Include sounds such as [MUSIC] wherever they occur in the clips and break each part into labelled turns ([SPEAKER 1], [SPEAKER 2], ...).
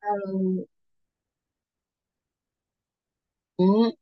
[SPEAKER 1] 嗯，嗯，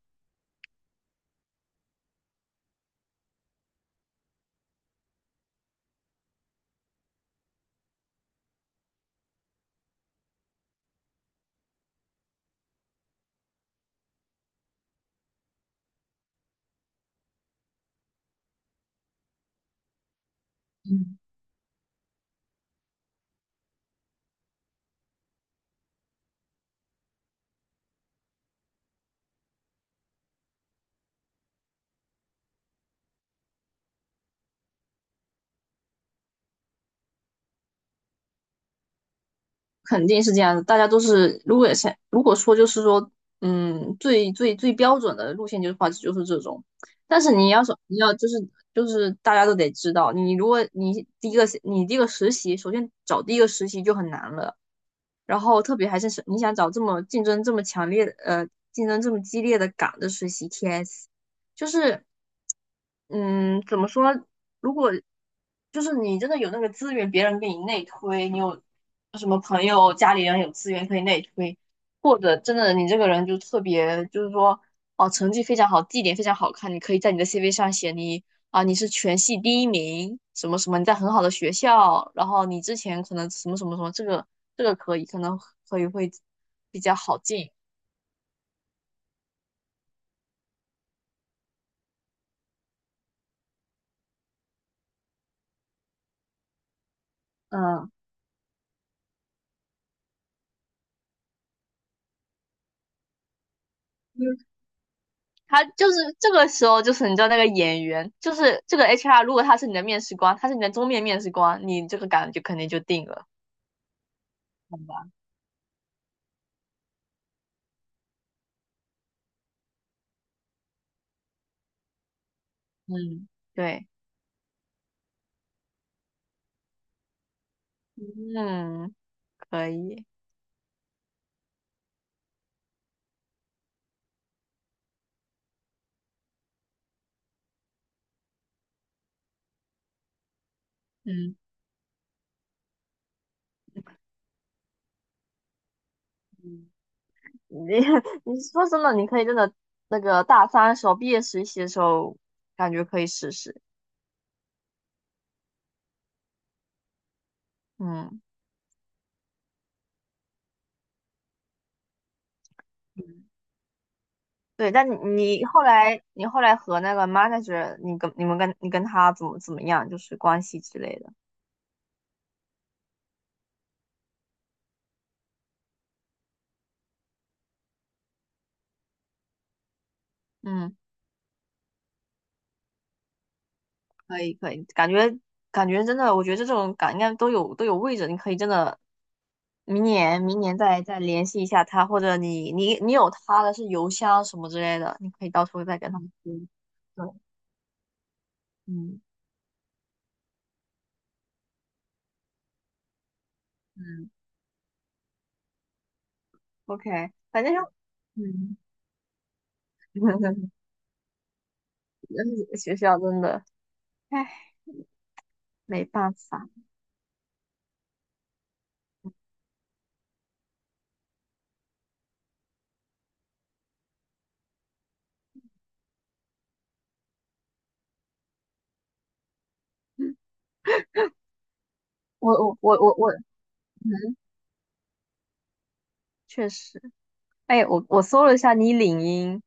[SPEAKER 1] 肯定是这样子。大家都是，如果想，如果说就是说，最最最标准的路线就是话，就是这种。但是你要就是大家都得知道，你如果第一个实习，首先找第一个实习就很难了。然后特别还是你想找这么竞争这么强烈的，呃，竞争这么激烈的岗的实习 TS，就是，嗯，怎么说？如果就是你真的有那个资源，别人给你内推，你有什么朋友、家里人有资源可以内推，或者真的你这个人就特别，就是说，哦，成绩非常好，绩点非常好看，你可以在你的 CV 上写你，啊，你是全系第一名，什么什么，你在很好的学校，然后你之前可能什么什么什么，这个可以，可能可以会比较好进。嗯，嗯，他就是这个时候，就是你知道那个演员，就是这个 HR，如果他是你的面试官，他是你的终面面试官，你这个岗就肯定就定了。好吧，嗯，对，嗯，可以，嗯。嗯，你 [LAUGHS] 你说真的，你可以真的那个大三的时候，毕业实习的时候，感觉可以试试。嗯，嗯，对，但你后来和那个 manager，你跟你们跟你跟他怎么样，就是关系之类的。嗯，可以可以，感觉真的，我觉得这种感应该都有位置，你可以真的明年再联系一下他，或者你有他的是邮箱什么之类的，你可以到时候再跟他们说。对，嗯嗯，OK，反正就嗯，[LAUGHS] 学校真的，唉，没办法。[LAUGHS] 我确实，哎，我搜了一下你领英，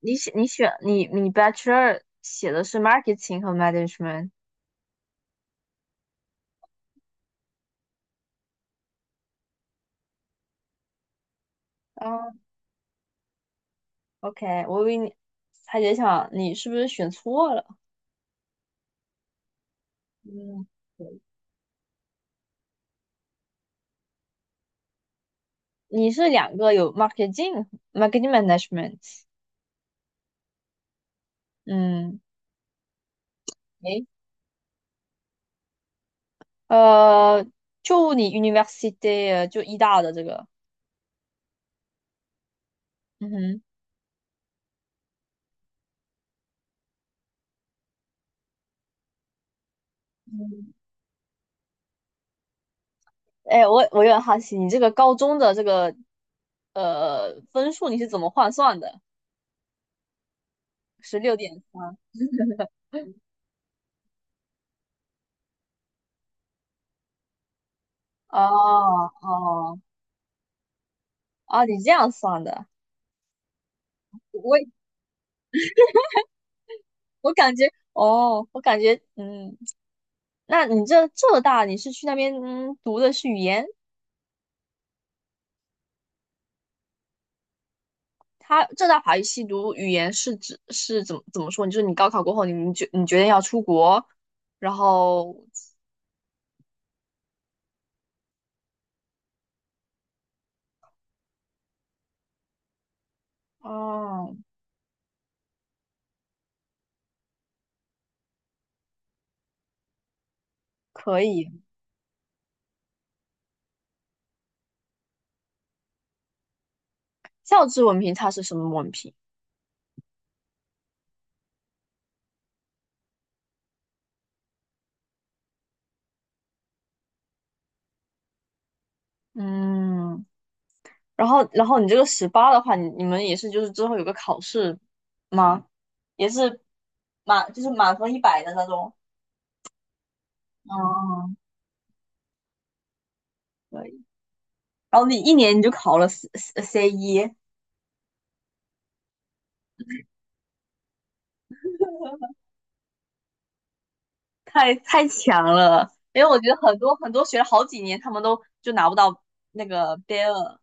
[SPEAKER 1] 你写你选你 Bachelor 写的是 marketing 和 management，哦，OK，我以为你还在想你是不是选错了，嗯，对，你是两个有 marketing marketing management，嗯，诶，呃，就你 university 就医大的这个，嗯哼，嗯，哎，我有点好奇，你这个高中的这个分数你是怎么换算的？16.3。哦哦哦，你这样算的，我我感觉哦，我感觉那你这浙大你是去那边读的是语言，它浙大法语系读语言是怎么说？你就是你高考过后你决定要出国，然后哦，可以，教职文凭它是什么文凭？嗯，然后你这个18的话，你们也是就是之后有个考试吗？也是满就是满分100的那种。哦，以。然后你一年就考了 C 一，太强了。因为我觉得很多很多学了好几年，他们都就拿不到那个 B2。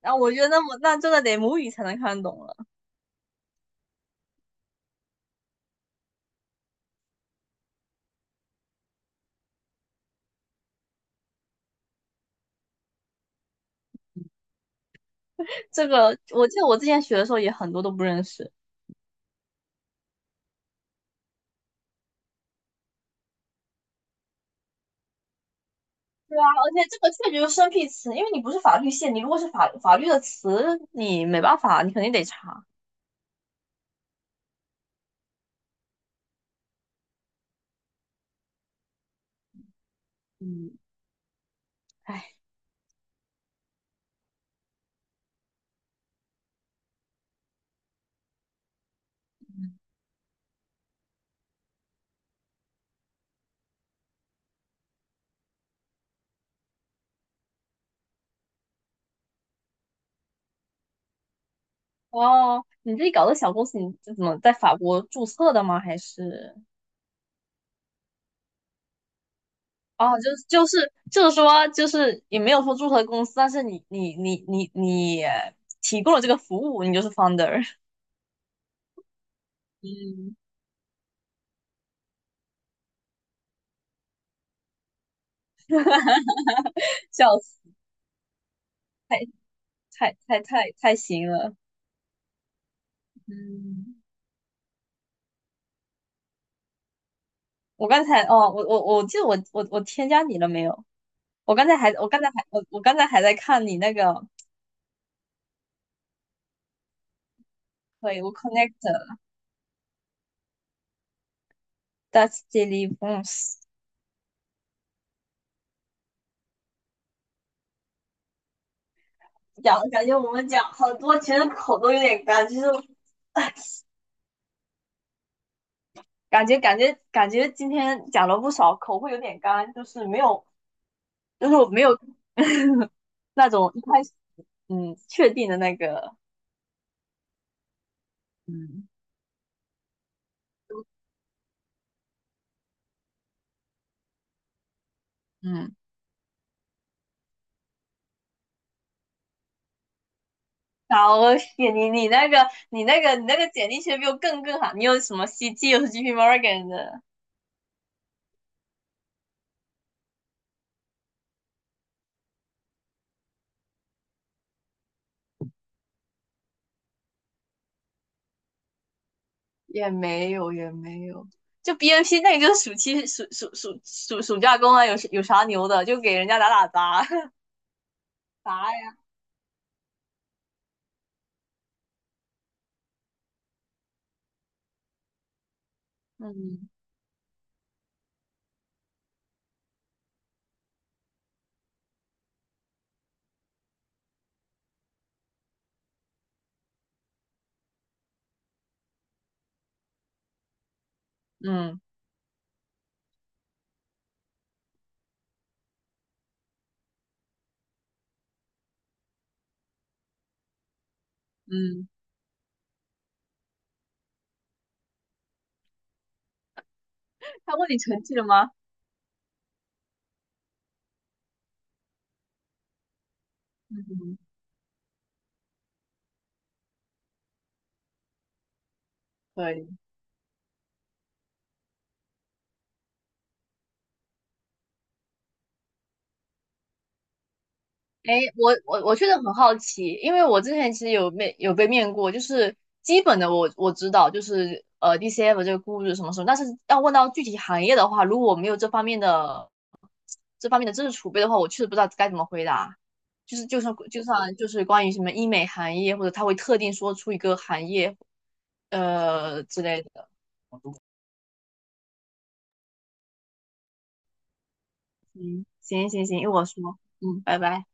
[SPEAKER 1] 然后我觉得那真的得母语才能看懂了。这个我记得我之前学的时候也很多都不认识。而且这个确实就是生僻词，因为你不是法律系，你如果是法律的词，你没办法，你肯定得查。嗯，哎，哦，你自己搞的小公司，你是怎么在法国注册的吗？还是哦，就是说，就是也没有说注册公司，但是你提供了这个服务，你就是 founder，嗯，笑死，太行了。嗯，我刚才哦，我记得我添加你了没有？我刚才还在看你那个，可以，我 connect that's d e l i v e s， 讲感觉我们讲好多，其实口都有点干，就是 [LAUGHS] 感觉今天讲了不少，口会有点干，就是没有，就是我没有 [LAUGHS] 那种一开始确定的那个。嗯嗯，好，我写你那个简历其实比我更好，你有什么 CT，有 JP Morgan 的。也没有，也没有。就 BNP 那个就是暑期暑暑暑暑暑假工啊，有啥牛的？就给人家打杂 [LAUGHS] 呀。嗯嗯嗯，他问你成绩了吗？嗯，可以。哎，我确实很好奇，因为我之前其实有被面过，就是基本的我知道，就是DCF 这个估值什么什么，但是要问到具体行业的话，如果我没有这方面的知识储备的话，我确实不知道该怎么回答。就是就算就是关于什么医美行业，或者他会特定说出一个行业之类的。嗯，行行行，一会儿说。嗯，拜拜。